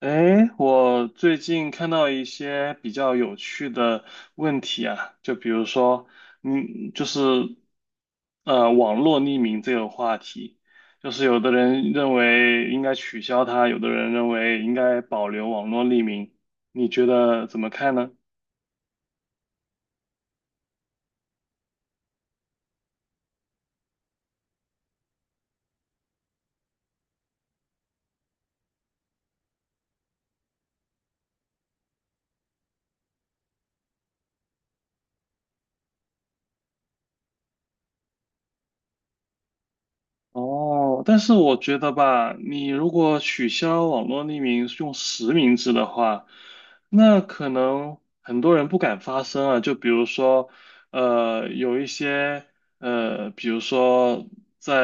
哎，我最近看到一些比较有趣的问题啊，就比如说，嗯，就是网络匿名这个话题，就是有的人认为应该取消它，有的人认为应该保留网络匿名，你觉得怎么看呢？哦，但是我觉得吧，你如果取消网络匿名用实名制的话，那可能很多人不敢发声啊。就比如说，有一些比如说在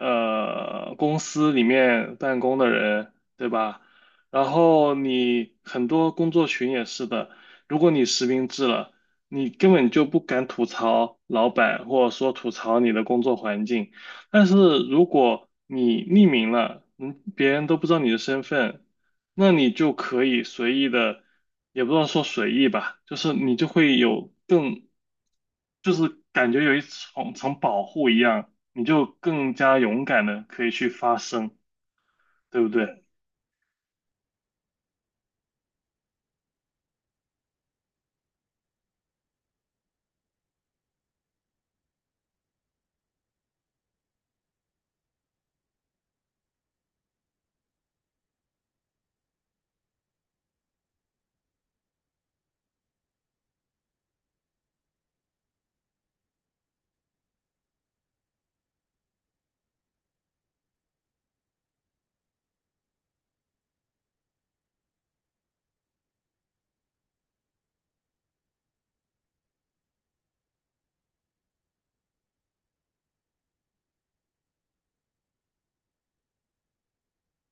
公司里面办公的人，对吧？然后你很多工作群也是的，如果你实名制了，你根本就不敢吐槽老板，或者说吐槽你的工作环境。但是如果你匿名了，嗯，别人都不知道你的身份，那你就可以随意的，也不知道说随意吧，就是你就会有更，就是感觉有一层层保护一样，你就更加勇敢的可以去发声，对不对？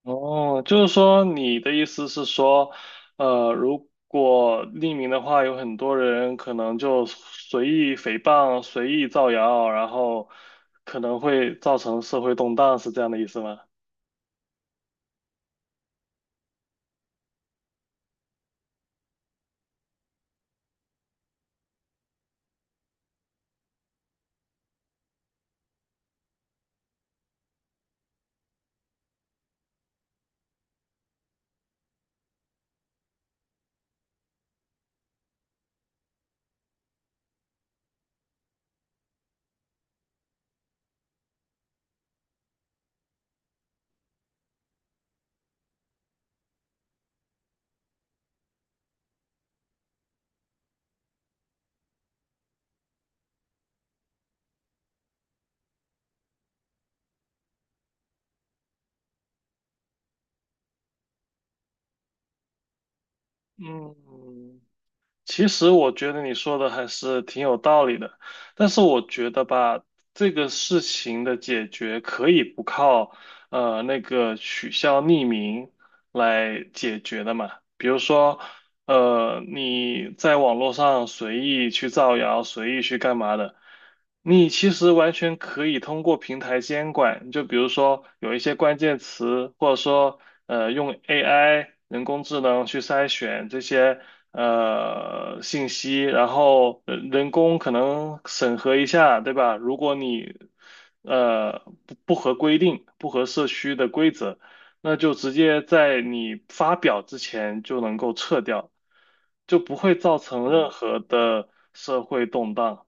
哦，就是说你的意思是说，如果匿名的话，有很多人可能就随意诽谤、随意造谣，然后可能会造成社会动荡，是这样的意思吗？嗯，其实我觉得你说的还是挺有道理的，但是我觉得吧，这个事情的解决可以不靠那个取消匿名来解决的嘛。比如说，你在网络上随意去造谣，随意去干嘛的，你其实完全可以通过平台监管，就比如说有一些关键词，或者说用 AI 人工智能去筛选这些信息，然后人工可能审核一下，对吧？如果你呃不合规定、不合社区的规则，那就直接在你发表之前就能够撤掉，就不会造成任何的社会动荡。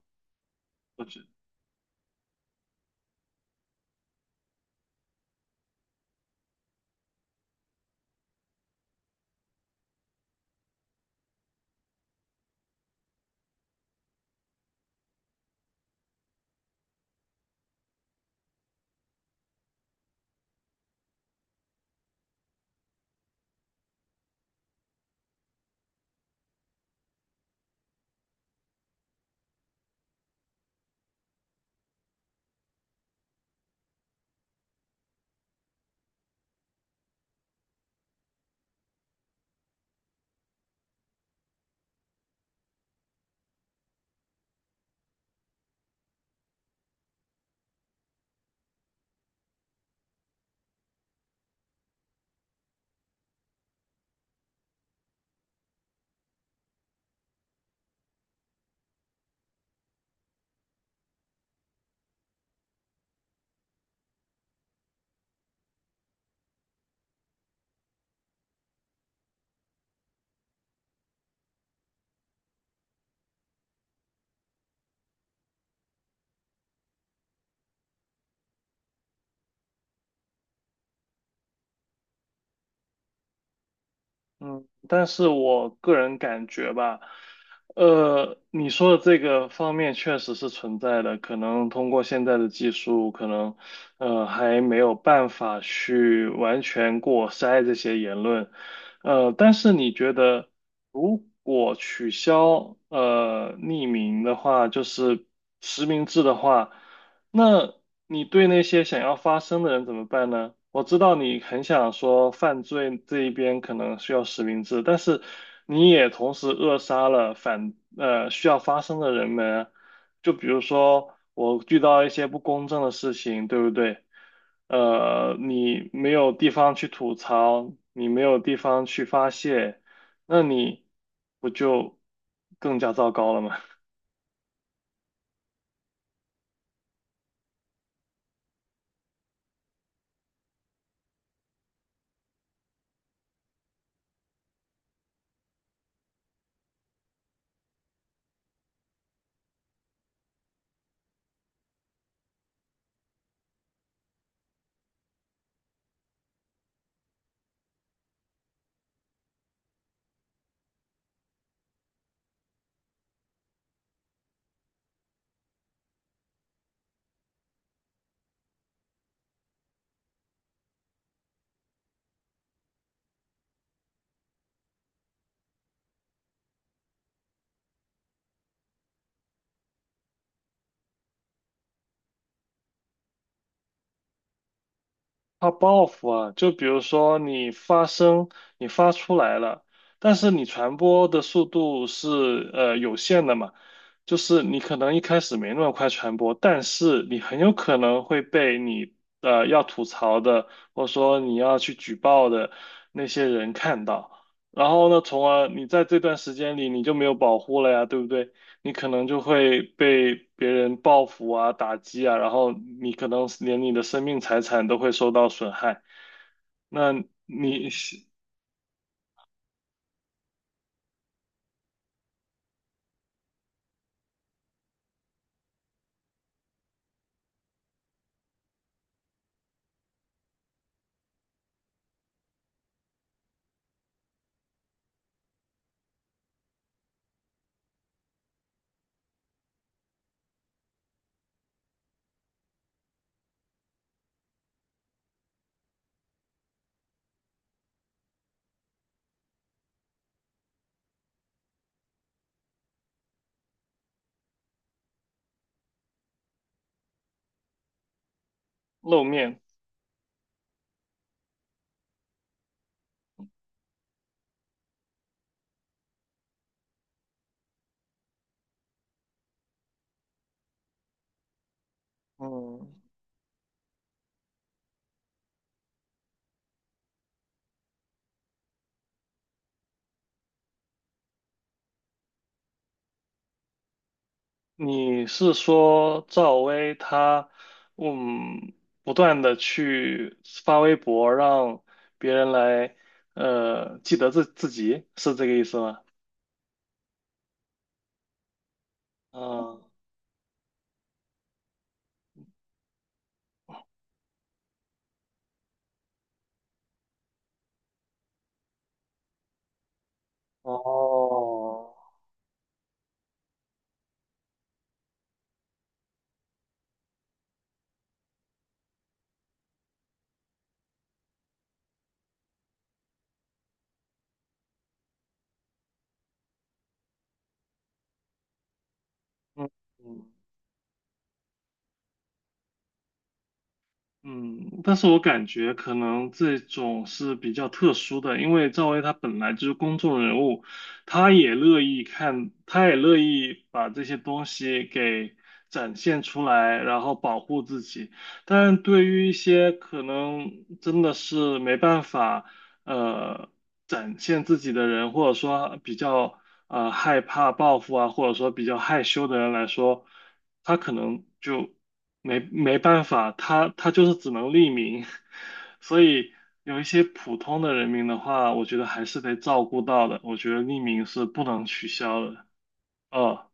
嗯，但是我个人感觉吧，你说的这个方面确实是存在的，可能通过现在的技术，可能还没有办法去完全过筛这些言论，但是你觉得如果取消匿名的话，就是实名制的话？那你对那些想要发声的人怎么办呢？我知道你很想说犯罪这一边可能需要实名制，但是你也同时扼杀了需要发声的人们啊就比如说我遇到一些不公正的事情，对不对？你没有地方去吐槽，你没有地方去发泄，那你不就更加糟糕了吗？它报复啊，就比如说你发声，你发出来了，但是你传播的速度是有限的嘛，就是你可能一开始没那么快传播，但是你很有可能会被你要吐槽的，或者说你要去举报的那些人看到，然后呢，从而你在这段时间里你就没有保护了呀，对不对？你可能就会被别人报复啊、打击啊，然后你可能连你的生命财产都会受到损害。那你是露面，嗯，你是说赵薇她，嗯，不断的去发微博让别人来，记得自己，是这个意思吗？嗯，哦，嗯。嗯，但是我感觉可能这种是比较特殊的，因为赵薇她本来就是公众人物，她也乐意看，她也乐意把这些东西给展现出来，然后保护自己。但对于一些可能真的是没办法，呃，展现自己的人，或者说比较害怕报复啊，或者说比较害羞的人来说，他可能就。没办法，他就是只能匿名，所以有一些普通的人民的话，我觉得还是得照顾到的。我觉得匿名是不能取消的。哦，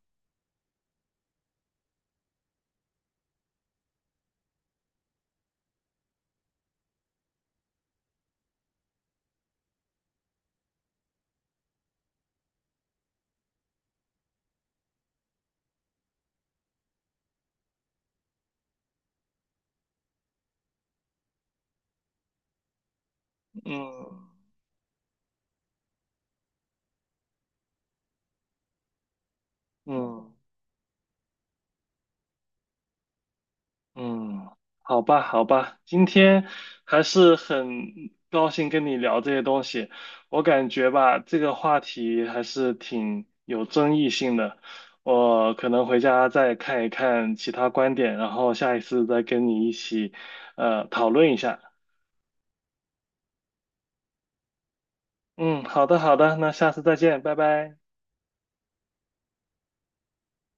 嗯嗯。嗯，好吧，好吧，今天还是很高兴跟你聊这些东西。我感觉吧，这个话题还是挺有争议性的。我可能回家再看一看其他观点，然后下一次再跟你一起讨论一下。嗯，好的，好的，那下次再见，拜拜。